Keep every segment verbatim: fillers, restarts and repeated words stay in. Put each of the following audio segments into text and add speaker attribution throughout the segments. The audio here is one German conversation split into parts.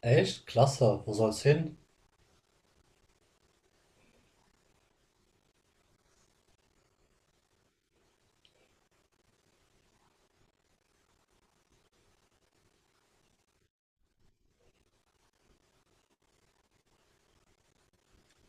Speaker 1: Echt? Klasse. Wo soll's hin?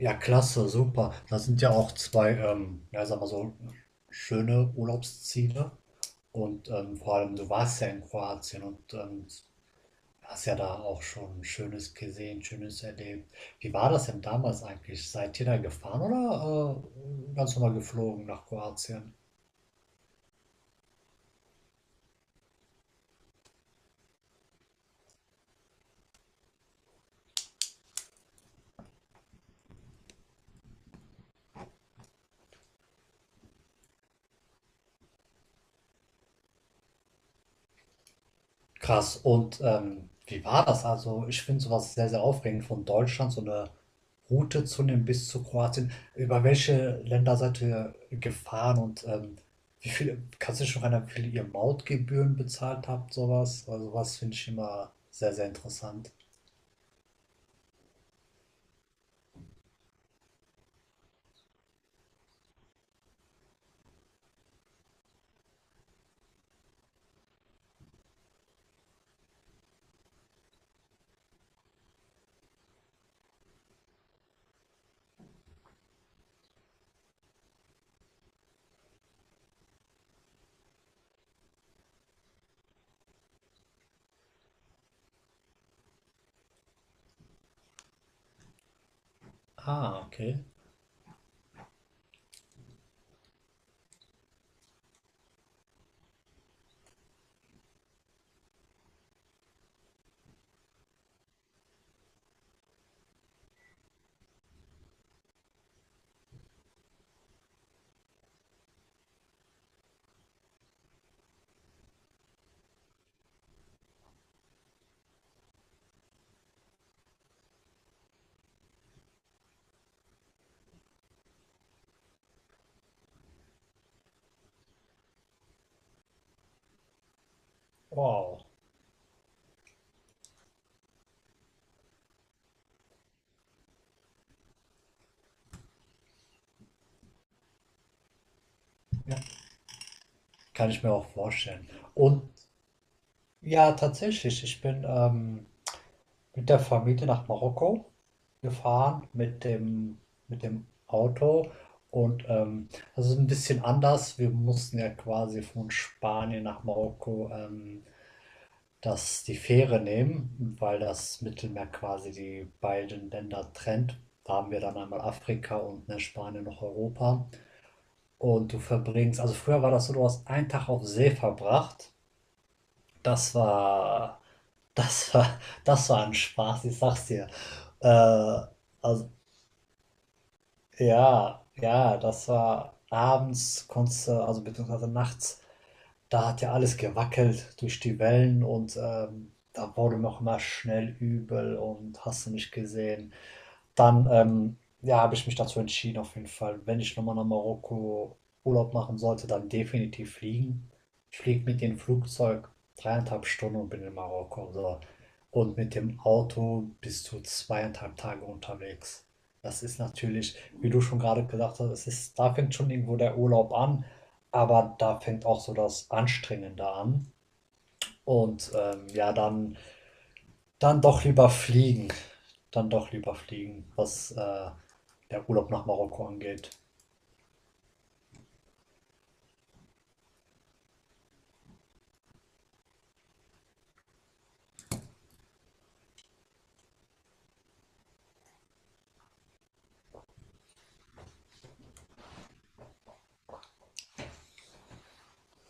Speaker 1: Ja, klasse, super. Das sind ja auch zwei, ähm, ja, sag mal so, schöne Urlaubsziele. Und ähm, vor allem, du warst ja in Kroatien und ähm, hast ja da auch schon Schönes gesehen, Schönes erlebt. Wie war das denn damals eigentlich? Seid ihr da gefahren oder äh, ganz normal geflogen nach Kroatien? Krass. Und ähm, wie war das? Also, ich finde sowas sehr, sehr aufregend, von Deutschland so eine Route zu nehmen bis zu Kroatien. Über welche Länder seid ihr gefahren und ähm, wie viel, kannst du dich noch erinnern, wie viel ihr Mautgebühren bezahlt habt, sowas? Also, was finde ich immer sehr, sehr interessant. Ah, okay. Wow. Ja, kann ich mir auch vorstellen. Und ja, tatsächlich, ich bin ähm, Mit der Familie nach Marokko gefahren, mit dem mit dem Auto und ähm, das ist ein bisschen anders. Wir mussten ja quasi von Spanien nach Marokko, ähm, das die Fähre nehmen, weil das Mittelmeer quasi die beiden Länder trennt. Da haben wir dann einmal Afrika und, ne, Spanien noch Europa. Und du verbringst also früher war das so, du hast einen Tag auf See verbracht. Das war das war das war ein Spaß, ich sag's dir. Äh, also ja, ja, das war abends konntest du also beziehungsweise nachts, da hat ja alles gewackelt durch die Wellen und ähm, da wurde mir auch immer schnell übel und hast du nicht gesehen. Dann, ähm, ja, habe ich mich dazu entschieden, auf jeden Fall. Wenn ich nochmal nach Marokko Urlaub machen sollte, dann definitiv fliegen. Ich fliege mit dem Flugzeug dreieinhalb Stunden und bin in Marokko. So. Und mit dem Auto bis zu zweieinhalb Tage unterwegs. Das ist natürlich, wie du schon gerade gesagt hast, es ist, da fängt schon irgendwo der Urlaub an, aber da fängt auch so das Anstrengende an. Und ähm, ja, dann dann doch lieber fliegen. Dann doch lieber fliegen, was äh, der Urlaub nach Marokko angeht.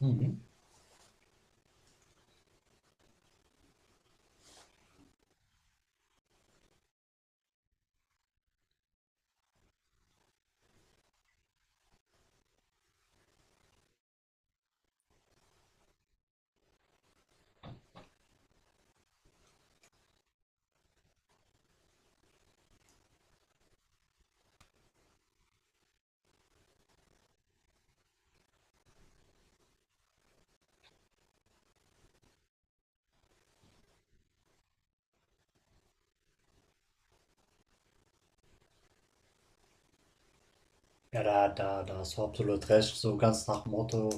Speaker 1: Mhm. Ja, da, da, da hast du absolut recht. So ganz nach dem Motto,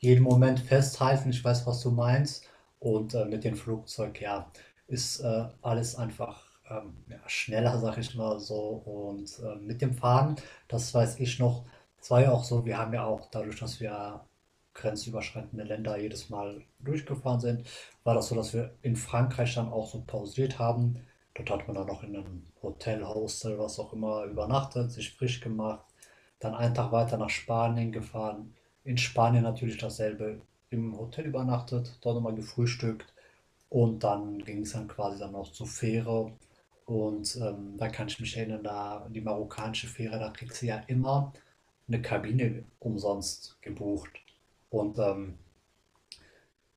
Speaker 1: jeden Moment festhalten, ich weiß, was du meinst. Und äh, mit dem Flugzeug, ja, ist äh, alles einfach ähm, ja, schneller, sag ich mal so. Und äh, mit dem Fahren, das weiß ich noch, das war ja auch so, wir haben ja auch dadurch, dass wir grenzüberschreitende Länder jedes Mal durchgefahren sind, war das so, dass wir in Frankreich dann auch so pausiert haben. Dort hat man dann noch in einem Hotel, Hostel, was auch immer übernachtet, sich frisch gemacht dann einen Tag weiter nach Spanien gefahren. In Spanien natürlich dasselbe. Im Hotel übernachtet, dort nochmal gefrühstückt und dann ging es dann quasi dann noch zur Fähre. Und ähm, da kann ich mich erinnern, da die marokkanische Fähre, da kriegst du ja immer eine Kabine umsonst gebucht. Und ähm,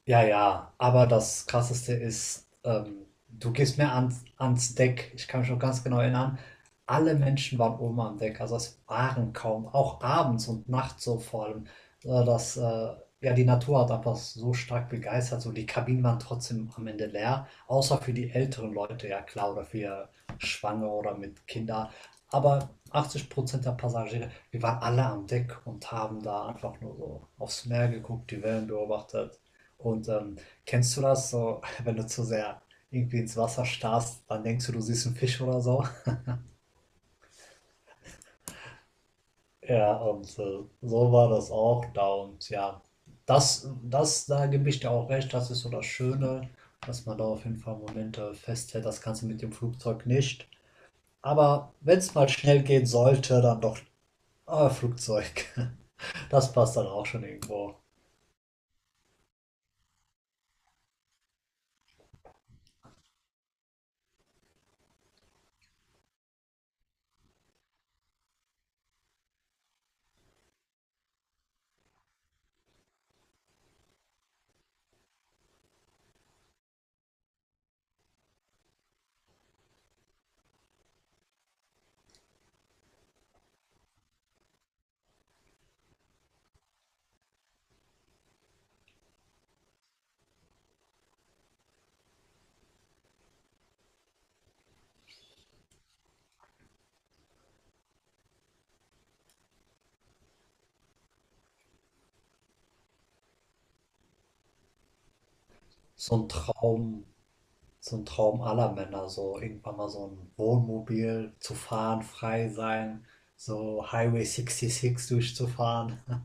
Speaker 1: ja, ja, aber das Krasseste ist, ähm, du gehst mir ans, ans Deck. Ich kann mich noch ganz genau erinnern. Alle Menschen waren oben am Deck, also es waren kaum, auch abends und nachts so vor allem. Äh, das, äh, ja, die Natur hat einfach so stark begeistert. So die Kabinen waren trotzdem am Ende leer, außer für die älteren Leute, ja klar, oder für Schwangere oder mit Kindern. Aber achtzig Prozent der Passagiere, wir waren alle am Deck und haben da einfach nur so aufs Meer geguckt, die Wellen beobachtet. Und ähm, kennst du das so, wenn du zu sehr irgendwie ins Wasser starrst, dann denkst du, du siehst einen Fisch oder so? Ja, und äh, so war das auch da. Und ja, das, das, da gebe ich dir auch recht, das ist so das Schöne, dass man da auf jeden Fall Momente festhält. Das kannst du mit dem Flugzeug nicht. Aber wenn es mal schnell gehen sollte, dann doch ah, Flugzeug. Das passt dann auch schon irgendwo. So ein Traum, so ein Traum aller Männer, so irgendwann mal so ein Wohnmobil zu fahren, frei sein, so Highway sechsundsechzig durchzufahren.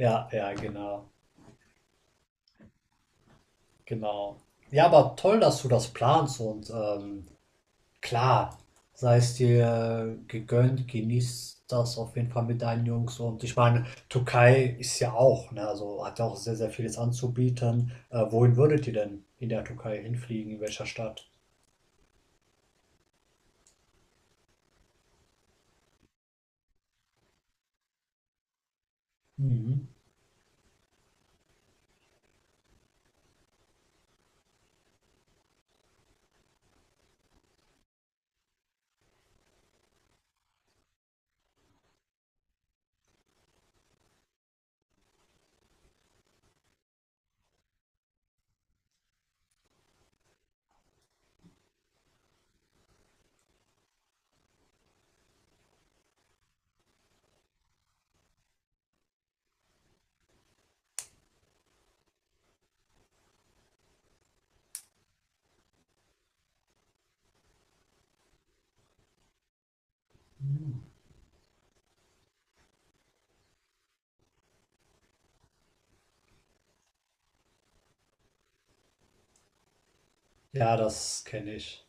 Speaker 1: Ja, ja, genau, genau. Ja, aber toll, dass du das planst und ähm, klar, sei es dir gegönnt, genieß das auf jeden Fall mit deinen Jungs und ich meine, Türkei ist ja auch, ne, also hat ja auch sehr, sehr vieles anzubieten. Äh, wohin würdet ihr denn in der Türkei hinfliegen, in welcher Stadt? Mhm. Mhm. Ja, das kenne ich.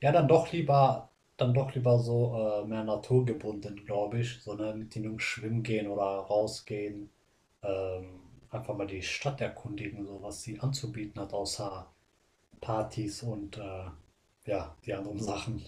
Speaker 1: Ja, dann doch lieber, dann doch lieber so äh, mehr naturgebunden, glaube ich. So, ne, mit den Jungs schwimmen gehen oder rausgehen. Ähm, einfach mal die Stadt erkundigen, so was sie anzubieten hat, außer Partys und äh, ja, die anderen Sachen.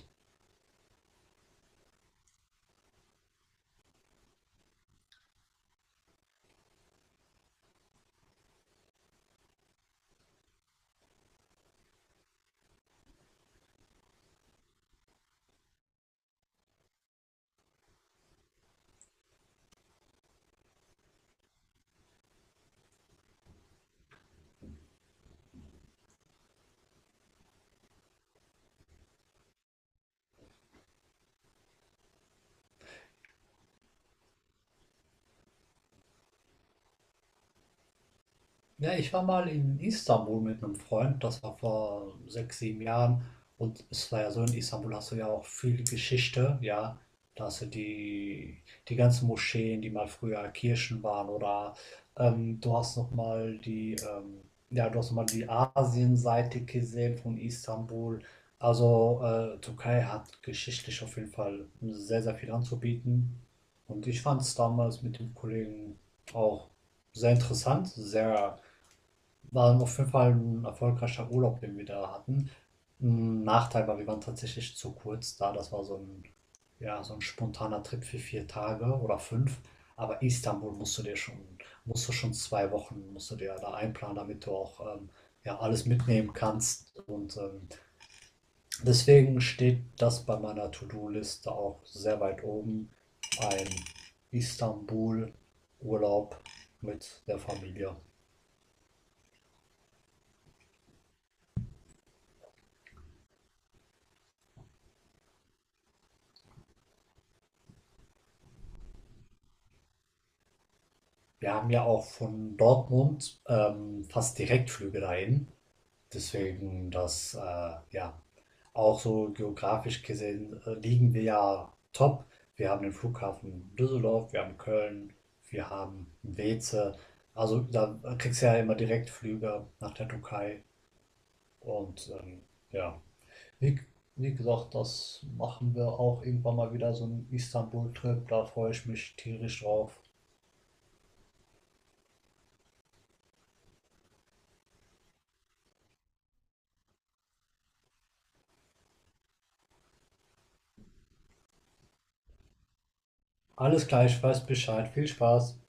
Speaker 1: Ja, ich war mal in Istanbul mit einem Freund, das war vor sechs, sieben Jahren. Und es war ja so, in Istanbul hast du ja auch viel Geschichte, ja. Da hast du die, die ganzen Moscheen, die mal früher Kirchen waren, oder ähm, du hast nochmal die, ähm, ja, du hast noch mal die Asienseite gesehen von Istanbul. Also äh, Türkei hat geschichtlich auf jeden Fall sehr, sehr viel anzubieten. Und ich fand es damals mit dem Kollegen auch sehr interessant, sehr war auf jeden Fall ein erfolgreicher Urlaub, den wir da hatten. 'N Nachteil war, wir waren tatsächlich zu kurz da. Das war so ein ja, so ein spontaner Trip für vier Tage oder fünf. Aber Istanbul musst du dir schon musst du schon zwei Wochen musst du dir da einplanen, damit du auch ähm, ja, alles mitnehmen kannst. Und ähm, deswegen steht das bei meiner To-do-Liste auch sehr weit oben, ein Istanbul-Urlaub mit der Familie. Wir haben ja auch von Dortmund, ähm, fast Direktflüge dahin. Deswegen, das, äh, ja, auch so geografisch gesehen äh, liegen wir ja top. Wir haben den Flughafen Düsseldorf, wir haben Köln, wir haben Weeze. Also da kriegst du ja immer Direktflüge nach der Türkei. Und ähm, ja, wie, wie gesagt, das machen wir auch irgendwann mal wieder so einen Istanbul-Trip. Da freue ich mich tierisch drauf. Alles gleich, weiß Bescheid. Viel Spaß.